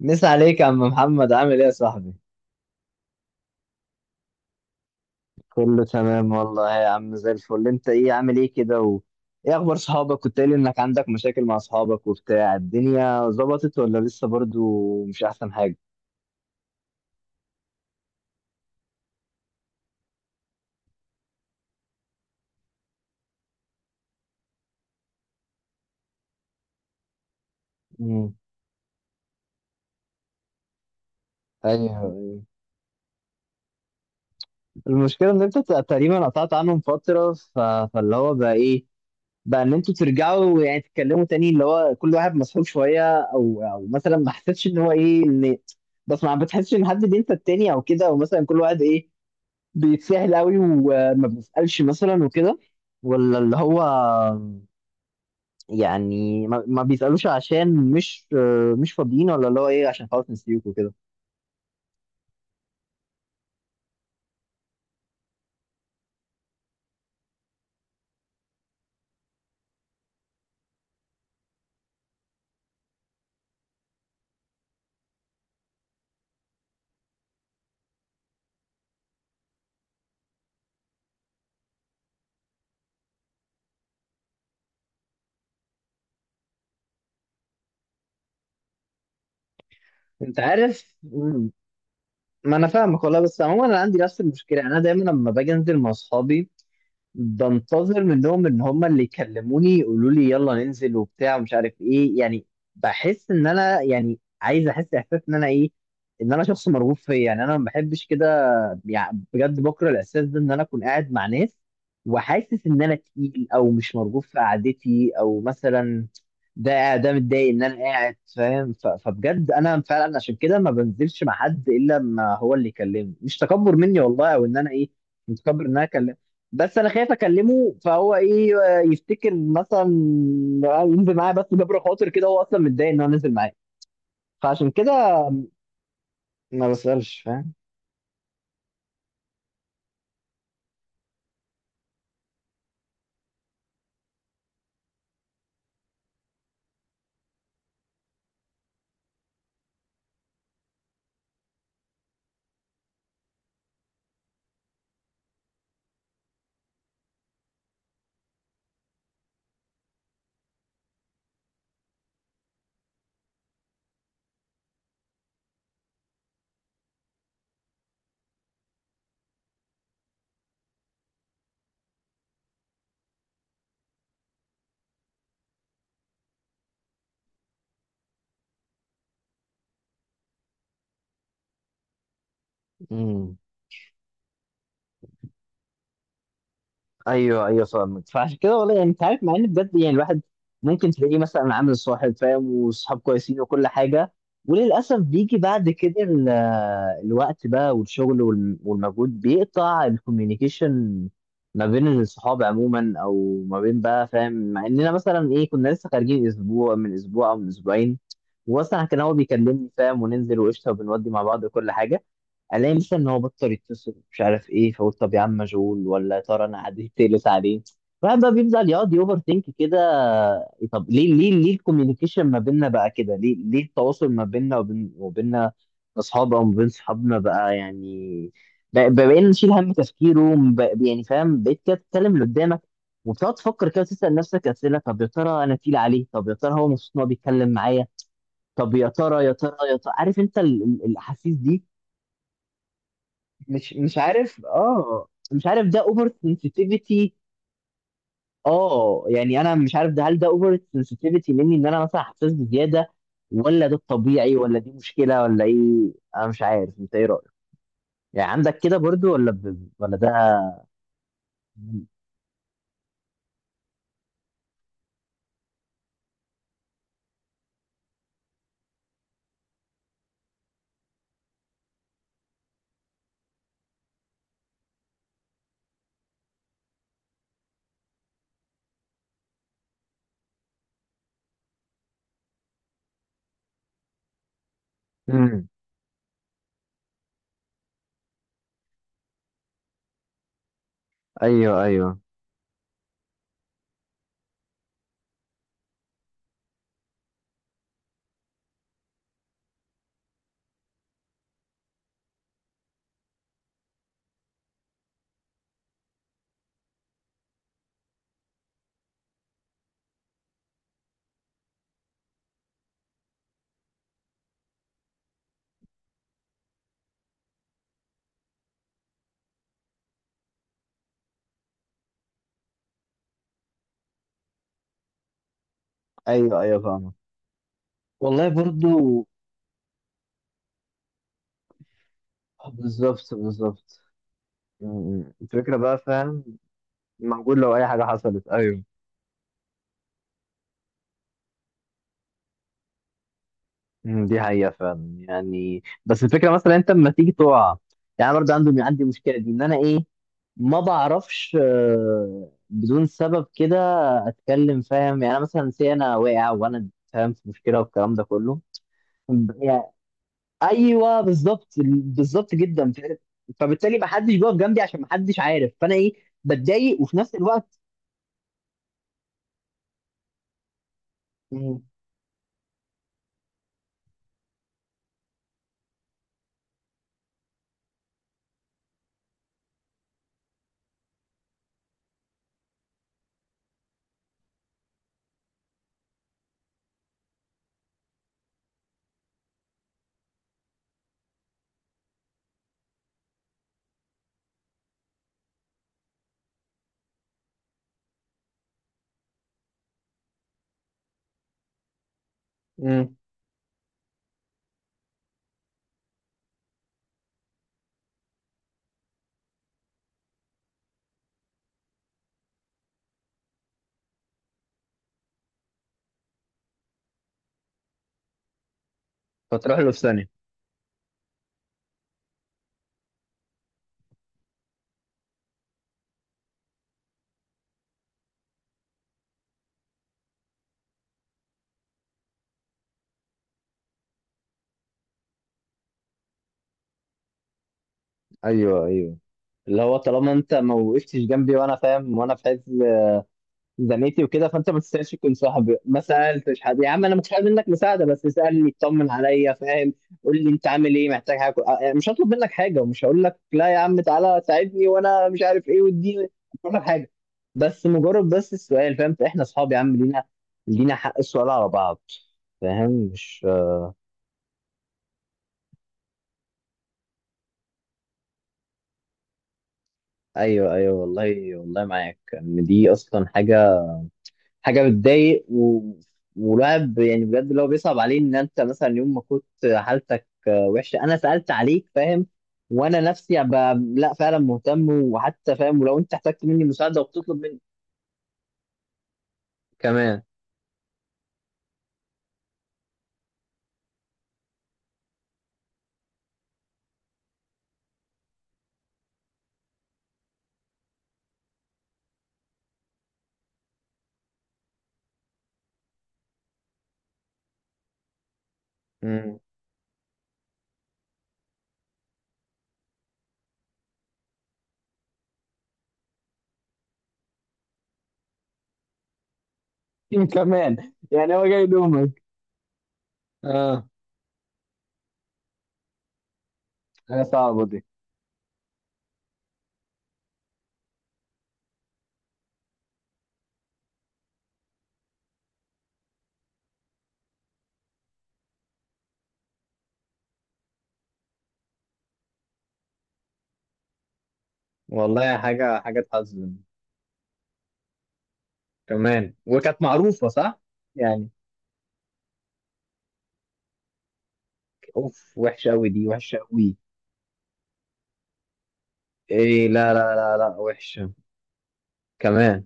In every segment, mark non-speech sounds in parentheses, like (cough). مسا عليك يا عم محمد، عامل ايه يا صاحبي؟ كله تمام والله يا عم، زي الفل. انت ايه، عامل ايه كده و... ايه اخبار صحابك؟ كنت قايل انك عندك مشاكل مع صحابك وبتاع، الدنيا ظبطت ولا لسه برضو مش احسن حاجة؟ امم ايوه المشكلة ان انت تقريبا قطعت عنهم فترة ف... فاللي هو بقى ايه، بقى ان انتوا ترجعوا يعني تتكلموا تاني، اللي هو كل واحد مسحوب شوية، او مثلا ما حسيتش ان هو ايه، ان بس ما بتحسش ان حد بينسى التاني او كده، او مثلا كل واحد ايه، بيتسهل قوي وما بيسألش مثلا وكده، ولا اللي هو يعني ما بيسألوش عشان مش مش فاضيين، ولا اللي هو ايه، عشان خلاص نسيوك وكده. انت عارف، ما انا فاهمك والله. بس عموما انا عندي نفس المشكلة، انا دايما لما باجي انزل مع اصحابي بنتظر منهم ان هم اللي يكلموني، يقولوا لي يلا ننزل وبتاع ومش عارف ايه، يعني بحس ان انا يعني عايز احس احساس ان انا ايه، ان انا شخص مرغوب فيه. يعني انا ما بحبش كده، يعني بجد بكره الاحساس ده ان انا اكون قاعد مع ناس وحاسس ان انا تقيل او مش مرغوب في قعدتي، او مثلا ده متضايق ان انا قاعد، فاهم؟ فبجد انا فعلا عشان كده ما بنزلش مع حد الا لما هو اللي يكلمني، مش تكبر مني والله او ان انا ايه متكبر ان انا اكلم. بس انا خايف اكلمه فهو ايه يفتكر مثلا ينزل معايا بس جبر خاطر، كده هو اصلا متضايق ان هو نزل معايا، فعشان كده ما بسألش. فاهم؟ ايوه ايوه فاهمك. فعشان كده والله، يعني انت عارف، مع ان بجد يعني الواحد ممكن تلاقيه مثلا عامل صاحب فاهم، وصحاب كويسين وكل حاجه، وللاسف بيجي بعد كده الوقت بقى والشغل والمجهود، بيقطع الكوميونيكيشن ما بين الصحاب عموما، او ما بين بقى فاهم، مع اننا مثلا ايه كنا لسه خارجين اسبوع من اسبوع او من اسبوعين، واصلا كان هو بيكلمني فاهم وننزل وقشطه وبنودي مع بعض وكل حاجه. الاقي مثلا ان هو بطل يتصل مش عارف ايه، فاقول طب يا عم مشغول، ولا يا ترى انا عديت تقلت عليه؟ الواحد بقى بيفضل يقعد يوفر ثينك كده. طب ليه ليه الكوميونيكيشن ما بيننا بقى كده، ليه ليه التواصل ما بيننا وبين وبيننا اصحاب، او ما بين صحابنا بقى يعني؟ بقينا نشيل هم تفكيره يعني فاهم، بقيت كده تتكلم اللي قدامك وبتقعد تفكر كده، تسأل نفسك أسئلة، طب يا ترى أنا تقيل عليه، طب يا ترى هو مبسوط إن هو بيتكلم معايا، طب يا ترى عارف أنت الأحاسيس دي. مش مش عارف، اه مش عارف، ده اوفر سنسيتيفيتي. اه يعني انا مش عارف، ده هل ده اوفر سنسيتيفيتي مني، ان انا مثلا حساس بزياده، ولا ده الطبيعي، ولا دي مشكله، ولا ايه؟ انا مش عارف، انت ايه رايك؟ يعني عندك كده برضو، ولا ب... ولا ده. امم ايوه ايوه ايوه ايوه فاهمك. والله برضو بالظبط بالظبط. مم. الفكره بقى فاهم، موجود لو اي حاجه حصلت، ايوه. مم، دي حقيقة فعلا يعني. بس الفكرة مثلا انت لما تيجي تقع، يعني أنا برضه عندي عندي مشكلة دي ان انا ايه، ما بعرفش بدون سبب كده اتكلم، فاهم؟ يعني أنا مثلا سي انا واقع وانا فاهم في مشكلة والكلام ده كله، يعني ايوه بالظبط بالظبط جدا، فبالتالي ما حدش بيقف جنبي عشان ما حدش عارف، فانا ايه بتضايق. وفي نفس الوقت مم، مم، فتروح له في ثانية. ايوه ايوه، اللي هو طالما انت ما وقفتش جنبي وانا فاهم وانا في حته زميلتي وكده، فانت ما تستاهلش تكون صاحبي. ما سالتش حد، يا عم انا مش عايز منك مساعده بس اسالني اطمن عليا، فاهم؟ قول لي انت عامل ايه، محتاج حاجه، أه، آه، مش هطلب منك حاجه، ومش هقول لك لا يا عم تعالى ساعدني وانا مش عارف ايه واديني، مش هقول لك حاجه، بس مجرد بس السؤال، فاهم؟ احنا اصحاب يا عم، لينا لينا حق السؤال على بعض. فاهم؟ مش ايوه ايوه. والله والله معاك ان دي اصلا حاجه حاجه بتضايق و... والواحد يعني بجد اللي هو بيصعب عليه، ان انت مثلا يوم ما كنت حالتك وحشه انا سالت عليك، فاهم؟ وانا نفسي أبقى لا فعلا مهتم وحتى فاهم، ولو انت احتجت مني مساعده وبتطلب مني كمان. امم (laughs) كمان يعني هو جاي يلومك؟ اه، حاجه صعبه دي. والله حاجه حاجه تحزن كمان، وكانت معروفه صح يعني. اوف، وحشه قوي دي، وحشه قوي. ايه، لا لا لا لا وحشه كمان.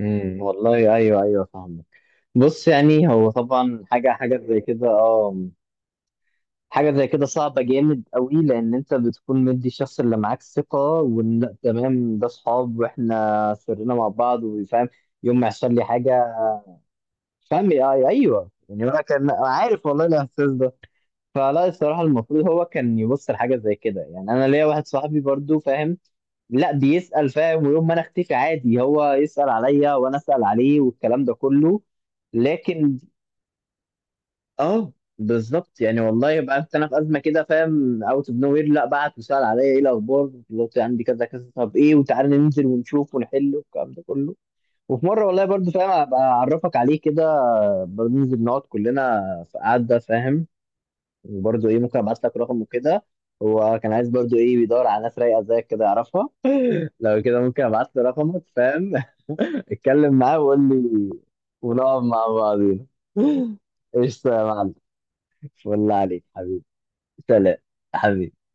والله ايوه ايوه فاهمك. بص، يعني هو طبعا حاجة حاجة زي كده، اه، حاجة زي كده صعبة جامد قوي، لأن أنت بتكون مدي الشخص اللي معاك ثقة، وإن لأ تمام ده صحاب وإحنا سرنا مع بعض وفاهم يوم ما يحصل لي حاجة فاهم، أيوه يعني، أنا كان عارف والله الإحساس ده. فلا، الصراحة المفروض هو كان يبص لحاجة زي كده. يعني أنا ليا واحد صاحبي برضو فاهم، لا بيسأل، فاهم؟ ويوم ما انا اختفي عادي هو يسأل عليا وانا اسأل عليه والكلام ده كله. لكن اه بالظبط، يعني والله يبقى انت انا في ازمه كده، فاهم، اوت اوف نو وير، لا بعت وسال عليا ايه الاخبار، دلوقتي عندي كذا كذا طب ايه، وتعالى ننزل ونشوف ونحل والكلام ده كله. وفي مره والله برضو فاهم ابقى اعرفك عليه كده، برضو ننزل نقعد كلنا في قعده فاهم، وبرضو ايه ممكن ابعت لك رقمه كده. هو كان عايز برضو ايه، بيدور على ناس رايقه زيك كده يعرفها، لو كده ممكن ابعت له رقمك، فاهم؟ (laughs) اتكلم معاه وقول لي. ونقعد مع بعضينا. (laughs) قشطه يا معلم. والله عليك حبيبي. سلام حبيبي.